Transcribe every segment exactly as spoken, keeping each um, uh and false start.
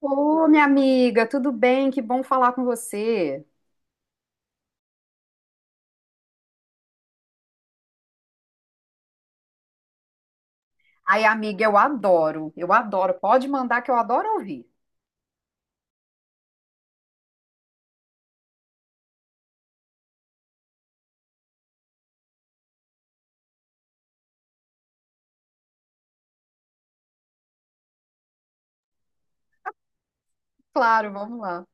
Ô, minha amiga, tudo bem? Que bom falar com você. Ai, amiga, eu adoro, eu adoro. Pode mandar que eu adoro ouvir. Claro, vamos lá.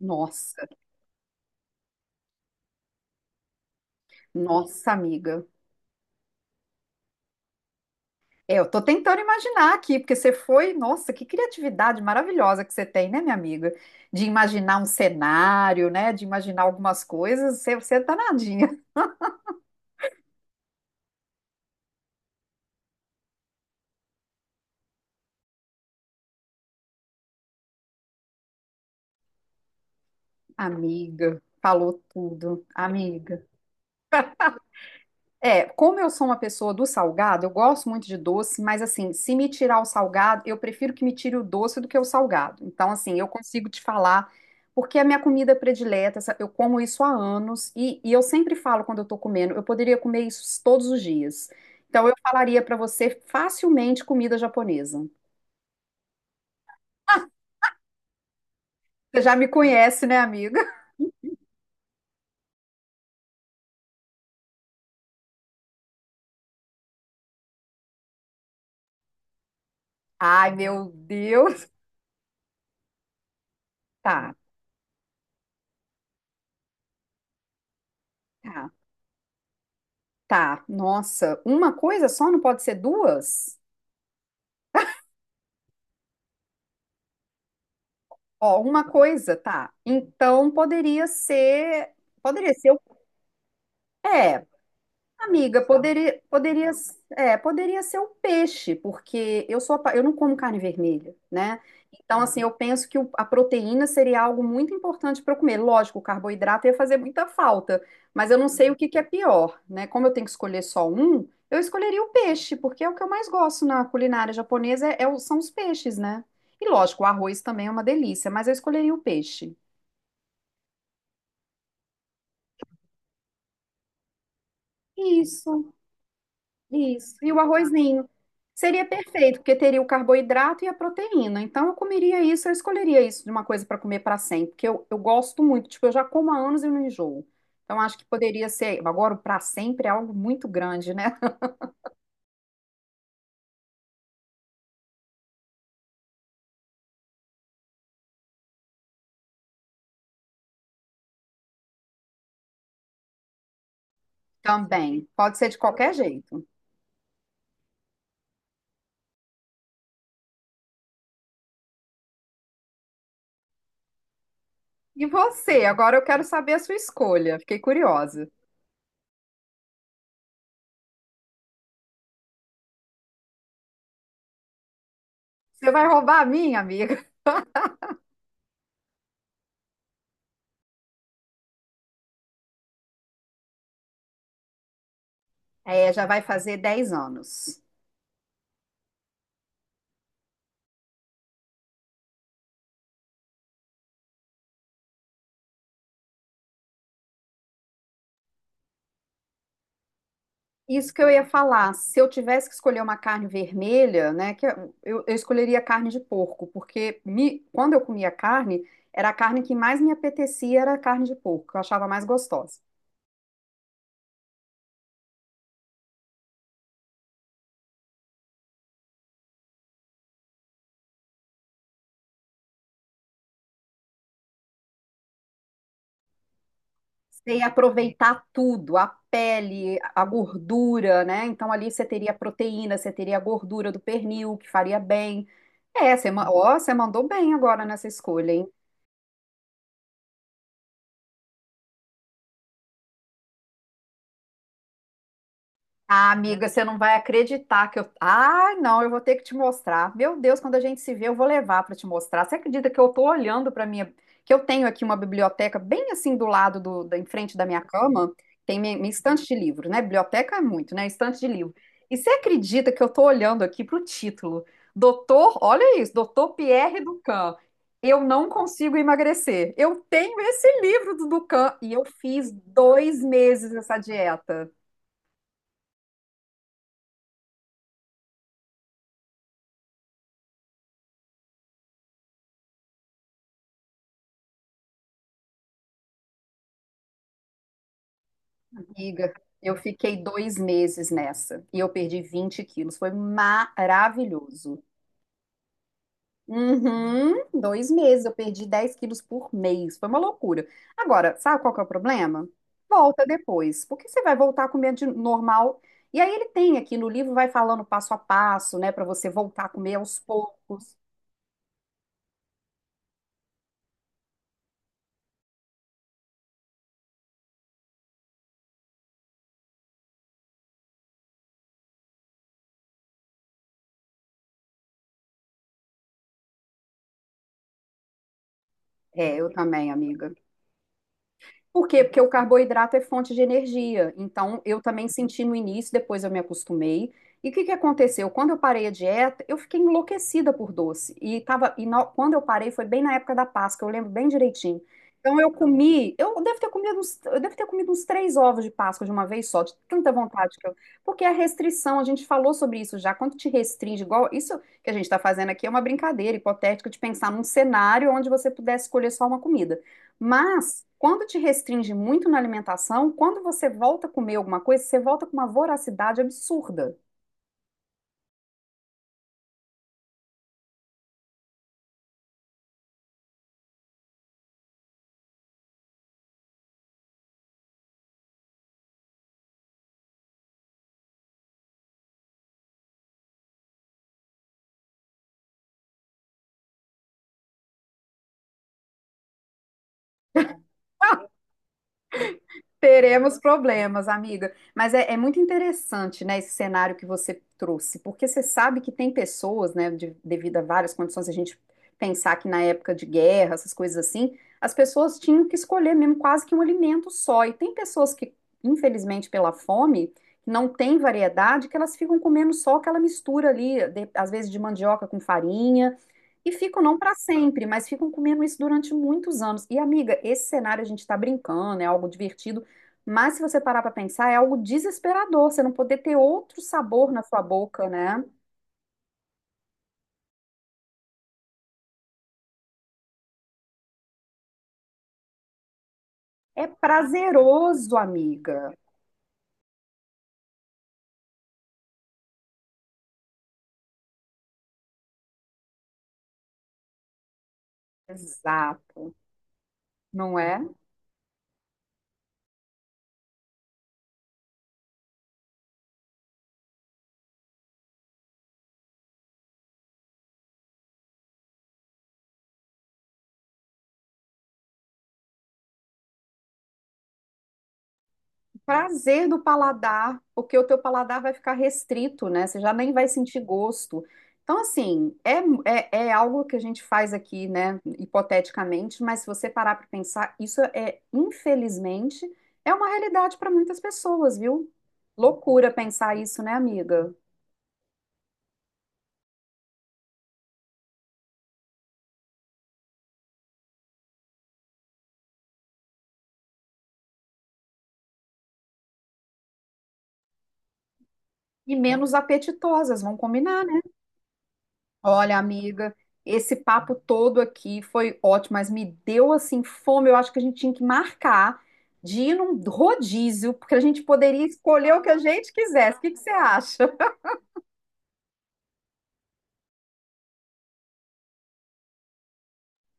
Nossa, nossa, amiga. É, eu tô tentando imaginar aqui, porque você foi, nossa, que criatividade maravilhosa que você tem, né, minha amiga? De imaginar um cenário, né? De imaginar algumas coisas. Você, você é danadinha. Amiga, falou tudo. Amiga. É, como eu sou uma pessoa do salgado, eu gosto muito de doce, mas assim, se me tirar o salgado, eu prefiro que me tire o doce do que o salgado. Então, assim, eu consigo te falar, porque é a minha comida predileta, essa- eu como isso há anos, e, e eu sempre falo quando eu tô comendo, eu poderia comer isso todos os dias. Então, eu falaria pra você facilmente comida japonesa. Você já me conhece, né, amiga? Ai, meu Deus. Tá, tá, tá. Nossa, uma coisa só não pode ser duas? Ó, uma coisa, tá? Então poderia ser, poderia ser o, é, amiga, poderia, poderia, é, poderia ser o peixe, porque eu sou, apa- eu não como carne vermelha, né? Então assim, eu penso que o- a proteína seria algo muito importante para eu comer. Lógico, o carboidrato ia fazer muita falta, mas eu não sei o que que é pior, né? Como eu tenho que escolher só um, eu escolheria o peixe, porque é o que eu mais gosto na culinária japonesa, é, é o- são os peixes, né? E lógico, o arroz também é uma delícia, mas eu escolheria o peixe. Isso, isso. E o arrozinho. Seria perfeito, porque teria o carboidrato e a proteína. Então, eu comeria isso, eu escolheria isso de uma coisa para comer para sempre, porque eu, eu gosto muito. Tipo, eu já como há anos e não enjoo. Então, acho que poderia ser. Agora, o para sempre é algo muito grande, né? Também. Pode ser de qualquer jeito. E você? Agora eu quero saber a sua escolha. Fiquei curiosa. Você vai roubar a minha, amiga? É, já vai fazer dez anos. Isso que eu ia falar, se eu tivesse que escolher uma carne vermelha, né, que eu, eu escolheria carne de porco, porque me- quando eu comia carne, era a carne que mais me apetecia era a carne de porco, que eu achava mais gostosa. Você ia aproveitar tudo, a pele, a gordura, né? Então ali você teria a proteína, você teria a gordura do pernil, que faria bem. É, você, ma- ó, você mandou bem agora nessa escolha, hein? Ah, amiga, você não vai acreditar que eu. Ah, não, eu vou ter que te mostrar. Meu Deus, quando a gente se vê, eu vou levar para te mostrar. Você acredita que eu tô olhando para minha. Que eu tenho aqui uma biblioteca bem assim do lado do, da, em frente da minha cama, tem minha, minha estante de livro, né? Biblioteca é muito, né? Estante de livro. E você acredita que eu tô olhando aqui pro título? Doutor, olha isso, Doutor Pierre Ducan. Eu não consigo emagrecer. Eu tenho esse livro do Ducan e eu fiz dois meses essa dieta. Amiga, eu fiquei dois meses nessa e eu perdi vinte quilos. Foi maravilhoso. Uhum, dois meses, eu perdi dez quilos por mês. Foi uma loucura. Agora, sabe qual que é o problema? Volta depois, porque você vai voltar comendo de normal. E aí ele tem aqui no livro, vai falando passo a passo, né, para você voltar a comer aos poucos. É, eu também, amiga. Por quê? Porque o carboidrato é fonte de energia. Então, eu também senti no início, depois eu me acostumei. E o que que aconteceu? Quando eu parei a dieta, eu fiquei enlouquecida por doce. E, tava, e na- quando eu parei, foi bem na época da Páscoa, eu lembro bem direitinho. Então, eu comi, eu devo ter comido uns, eu devo ter comido uns três ovos de Páscoa de uma vez só, de tanta vontade que eu. Porque a restrição, a gente falou sobre isso já, quando te restringe, igual isso que a gente está fazendo aqui é uma brincadeira hipotética de pensar num cenário onde você pudesse escolher só uma comida. Mas, quando te restringe muito na alimentação, quando você volta a comer alguma coisa, você volta com uma voracidade absurda. Teremos problemas, amiga. Mas é, é muito interessante, né, esse cenário que você trouxe, porque você sabe que tem pessoas, né, de- devido a várias condições, a gente pensar que na época de guerra, essas coisas assim, as pessoas tinham que escolher mesmo quase que um alimento só. E tem pessoas que, infelizmente, pela fome, não tem variedade, que elas ficam comendo só aquela mistura ali, de- às vezes de mandioca com farinha. E ficam não para sempre, mas ficam comendo isso durante muitos anos. E, amiga, esse cenário a gente está brincando, é algo divertido, mas se você parar para pensar, é algo desesperador você não poder ter outro sabor na sua boca, né? É prazeroso, amiga. Exato, não é? Prazer do paladar, porque o teu paladar vai ficar restrito, né? Você já nem vai sentir gosto. Então, assim, é, é, é algo que a gente faz aqui, né, hipoteticamente, mas se você parar para pensar, isso é, infelizmente, é uma realidade para muitas pessoas, viu? Loucura pensar isso, né, amiga? E menos apetitosas, vamos combinar, né? Olha, amiga, esse papo todo aqui foi ótimo, mas me deu assim fome. Eu acho que a gente tinha que marcar de ir num rodízio, porque a gente poderia escolher o que a gente quisesse. O que que você acha?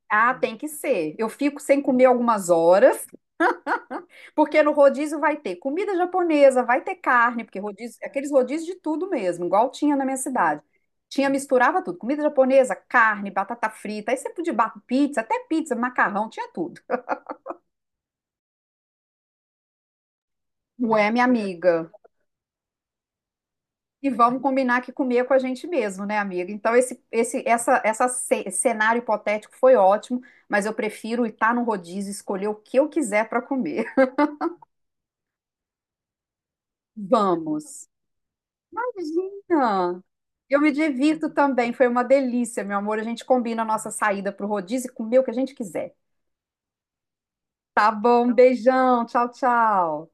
Ah, tem que ser. Eu fico sem comer algumas horas. Porque no rodízio vai ter comida japonesa, vai ter carne, porque rodízio, aqueles rodízios de tudo mesmo, igual tinha na minha cidade. Tinha, misturava tudo, comida japonesa, carne, batata frita, aí você podia bater pizza, até pizza, macarrão, tinha tudo. Ué, minha amiga, e vamos combinar que comer com a gente mesmo, né, amiga? Então esse esse essa essa ce- cenário hipotético foi ótimo, mas eu prefiro estar no rodízio, escolher o que eu quiser para comer. Vamos. Imagina! Eu me divirto também, foi uma delícia, meu amor. A gente combina a nossa saída pro rodízio e comer o que a gente quiser. Tá bom, beijão, tchau, tchau.